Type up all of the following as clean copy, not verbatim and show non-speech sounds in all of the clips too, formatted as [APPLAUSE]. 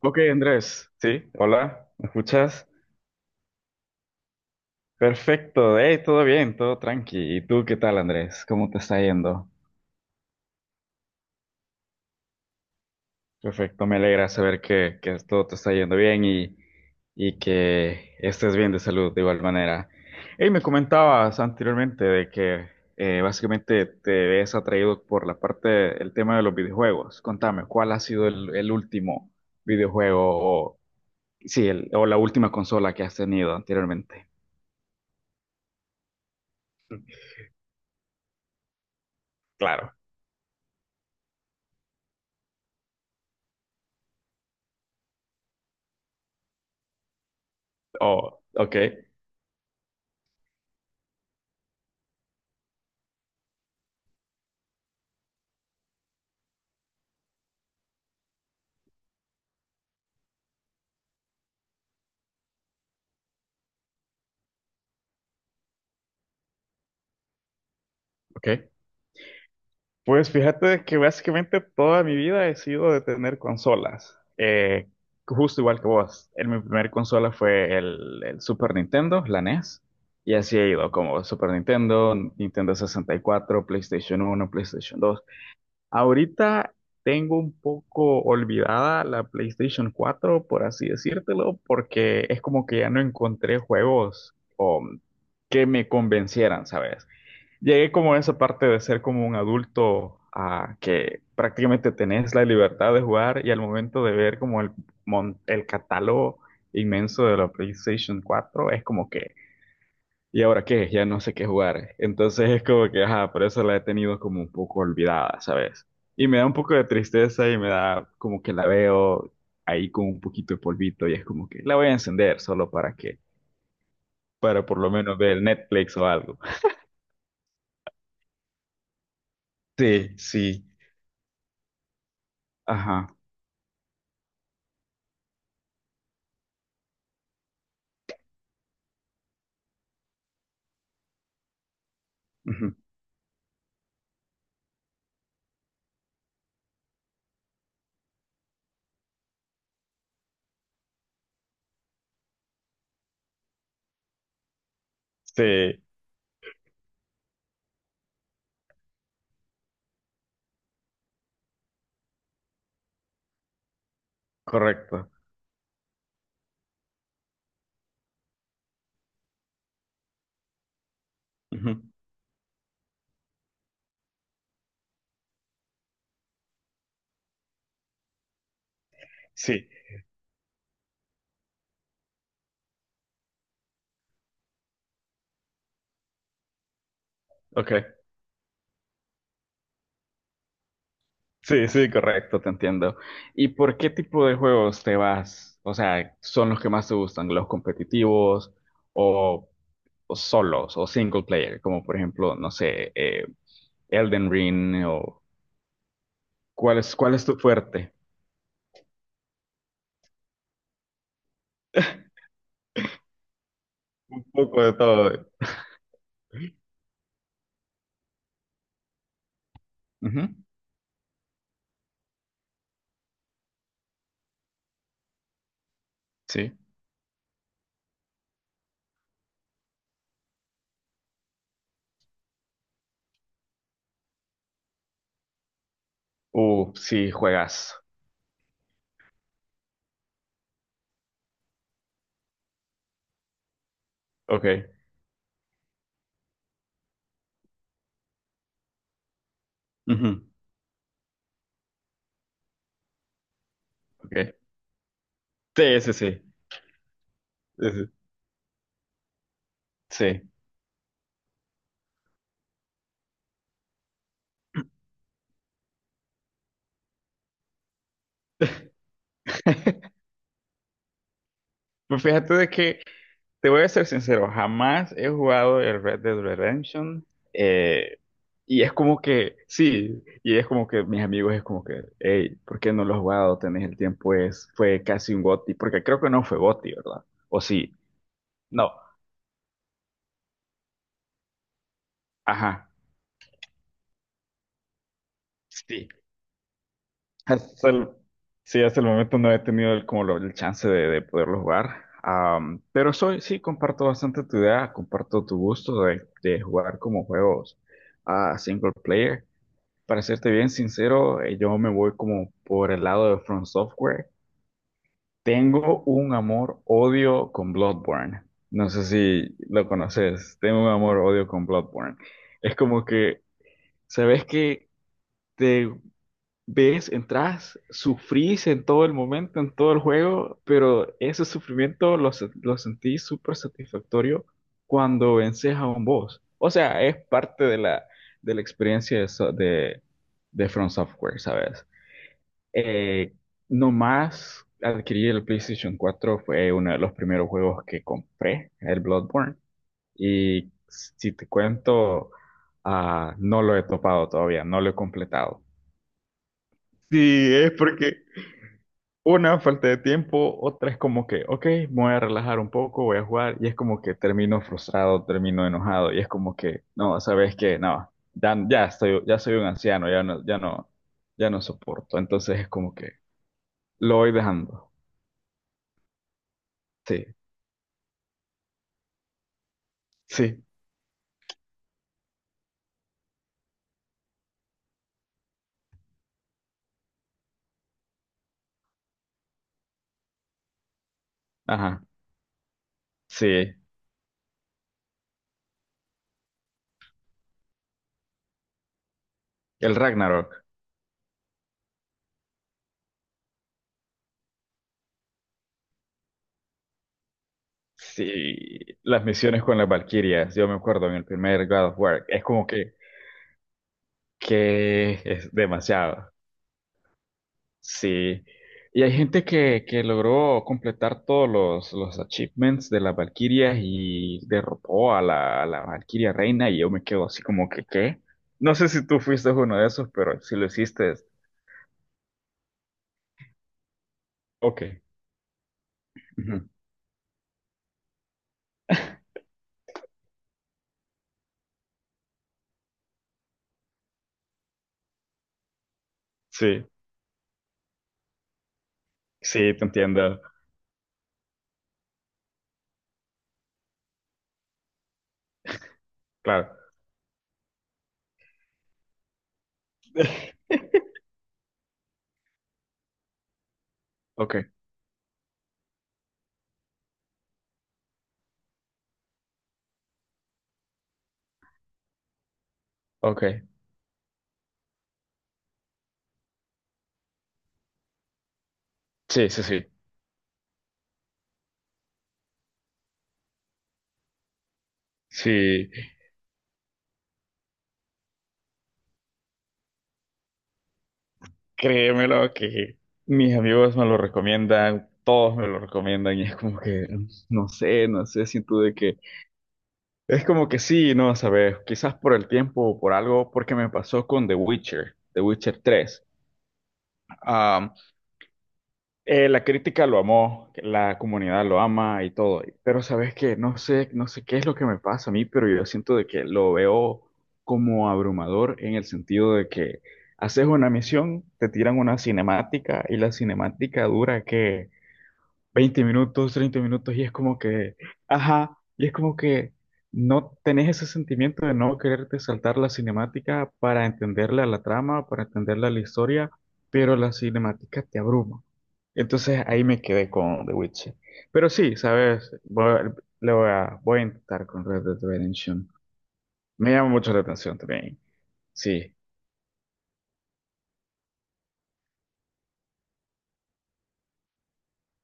Ok, Andrés, sí, hola, ¿me escuchas? Perfecto, hey, todo bien, todo tranqui. ¿Y tú qué tal, Andrés? ¿Cómo te está yendo? Perfecto, me alegra saber que todo te está yendo bien y que estés bien de salud de igual manera. Hey, me comentabas anteriormente de que básicamente te ves atraído por la parte del tema de los videojuegos. Contame, ¿cuál ha sido el último videojuego o, sí, o la última consola que has tenido anteriormente? Claro. Oh, ok, ok. Pues fíjate que básicamente toda mi vida he sido de tener consolas. Justo igual que vos. En mi primer consola fue el Super Nintendo, la NES. Y así he ido, como Super Nintendo, Nintendo 64, PlayStation 1, PlayStation 2. Ahorita tengo un poco olvidada la PlayStation 4, por así decírtelo, porque es como que ya no encontré juegos que me convencieran, ¿sabes? Llegué como a esa parte de ser como un adulto que prácticamente tenés la libertad de jugar y al momento de ver como el catálogo inmenso de la PlayStation 4 es como que, ¿y ahora qué? Ya no sé qué jugar. Entonces es como que, ajá, por eso la he tenido como un poco olvidada, ¿sabes? Y me da un poco de tristeza y me da como que la veo ahí con un poquito de polvito y es como que la voy a encender solo para por lo menos ver Netflix o algo. Sí, sí, ajá. Sí, correcto. Ujú. Sí, ok. Sí, sí, correcto, te entiendo. ¿Y por qué tipo de juegos te vas? O sea, ¿son los que más te gustan? ¿Los competitivos o, o solos o single player? Como por ejemplo, no sé, Elden Ring o ¿cuál es tu fuerte? [LAUGHS] Un poco de todo. Ujú, sí. Sí, juegas. Ok. Ujú, ok. Sí, sí, sí. Sí. Sí. Sí. [LAUGHS] Pues fíjate de que, te voy a ser sincero, jamás he jugado el Red Dead Redemption. eh, y es como que, sí, y es como que mis amigos es como que, hey, ¿por qué no lo has jugado? Tenés el tiempo, fue casi un GOTY, porque creo que no fue GOTY, ¿verdad? O sí, no, ajá, sí. Hasta el, sí, hasta el momento no he tenido como el chance de poderlo jugar. Pero sí, comparto bastante tu idea, comparto tu gusto de jugar como juegos a single player. Para serte bien sincero, yo me voy como por el lado de From Software. Tengo un amor-odio con Bloodborne. No sé si lo conoces. Tengo un amor-odio con Bloodborne. Es como que, ¿sabes que ves, entras, sufrís en todo el momento, en todo el juego, pero ese sufrimiento lo sentí súper satisfactorio cuando vences a un boss. O sea, es parte de la experiencia de From Software, ¿sabes? Eh, Nomás adquirí el PlayStation 4 fue uno de los primeros juegos que compré, el Bloodborne. Y si te cuento, no lo he topado todavía, no lo he completado. Sí, es porque una, falta de tiempo, otra es como que, ok, me voy a relajar un poco, voy a jugar, y es como que termino frustrado, termino enojado, y es como que, no, sabes que, no, ya, ya estoy, ya soy un anciano, ya no, ya no, ya no soporto, entonces es como que lo voy dejando, sí, sí, ajá, sí, el Ragnarok, sí, las misiones con las Valquirias, yo me acuerdo en el primer God of War, es como que es demasiado. Sí. Y hay gente que logró completar todos los achievements de las Valquirias y derrotó a la Valquiria Reina y yo me quedo así como que, ¿qué? No sé si tú fuiste uno de esos, pero si lo hiciste, ok. Ujú. [LAUGHS] Sí, sí, te entiendo, claro. [LAUGHS] Ok, ok. Sí, sí, sí. Sí, créemelo que mis amigos me lo recomiendan, todos me lo recomiendan y es como que no sé, no sé, siento de que es como que sí, no sabes, quizás por el tiempo o por algo, porque me pasó con The Witcher, The Witcher 3. Am, la crítica lo amó, la comunidad lo ama y todo, pero sabes que no sé, no sé qué es lo que me pasa a mí, pero yo siento de que lo veo como abrumador en el sentido de que haces una misión, te tiran una cinemática y la cinemática dura 20 minutos, 30 minutos, y es como que, ajá, y es como que no tenés ese sentimiento de no quererte saltar la cinemática para entenderle a la trama, para entenderle a la historia, pero la cinemática te abruma. Entonces ahí me quedé con The Witcher. Pero sí, sabes, voy a intentar con Red Dead Redemption. Me llama mucho la atención también. Sí.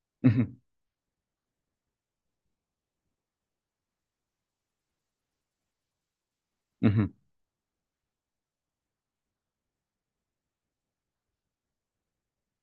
[LAUGHS] Ujú, ujú.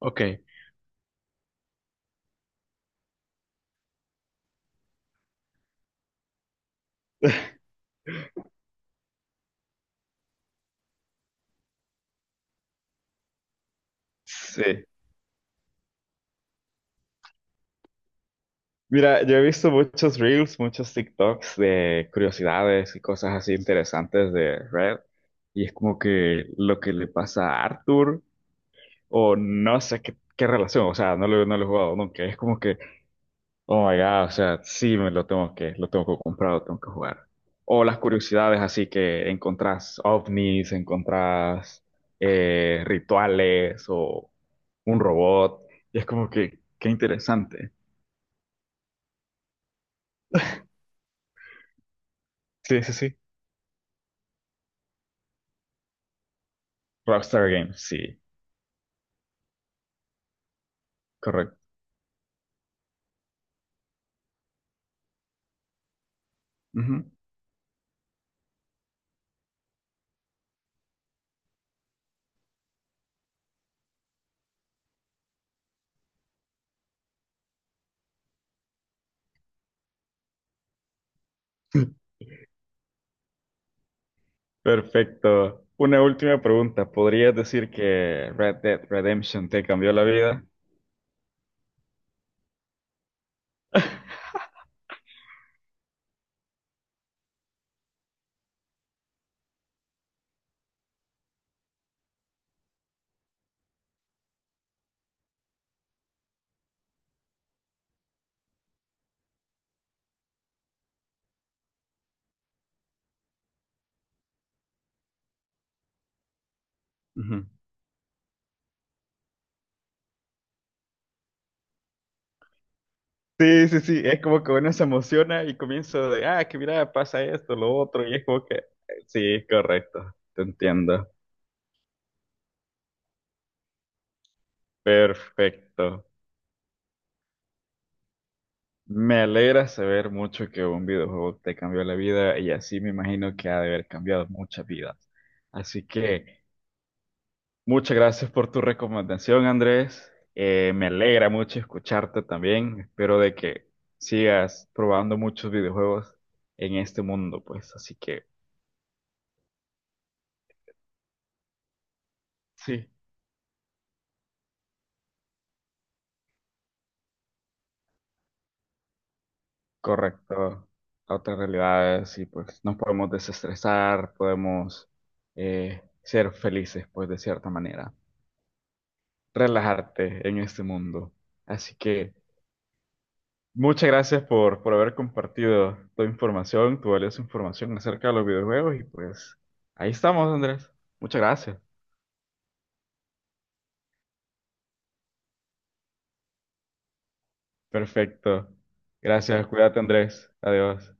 Ok. [LAUGHS] Sí. Mira, yo he visto muchos reels, muchos TikToks de curiosidades y cosas así interesantes de Red, y es como que lo que le pasa a Arthur, o no sé qué relación, o sea, no lo he jugado nunca, es como que, oh my God, o sea, sí me lo tengo que comprar, lo tengo que jugar. O las curiosidades así que encontrás ovnis, encontrás rituales o un robot, y es como que, qué interesante. Sí, sí, sí. Rockstar Games, sí. Correcto. Ujú. [LAUGHS] Perfecto. Una última pregunta. ¿Podrías decir que Red Dead Redemption te cambió la vida? [LAUGHS] Ujú. Sí, sí, sí. Es como que uno se emociona y comienza de, que mira, pasa esto, lo otro. Y es como que, sí, correcto. Te entiendo. Perfecto. Me alegra saber mucho que un videojuego te cambió la vida y así me imagino que ha de haber cambiado muchas vidas. Así que... Muchas gracias por tu recomendación, Andrés. Me alegra mucho escucharte también. Espero de que sigas probando muchos videojuegos en este mundo, pues. Así que sí, correcto. A otras realidades y pues nos podemos desestresar, podemos ser felices, pues de cierta manera. Relajarte en este mundo. Así que muchas gracias por haber compartido tu información, tu valiosa información acerca de los videojuegos y pues ahí estamos, Andrés. Muchas gracias. Perfecto. Gracias. Cuídate, Andrés. Adiós.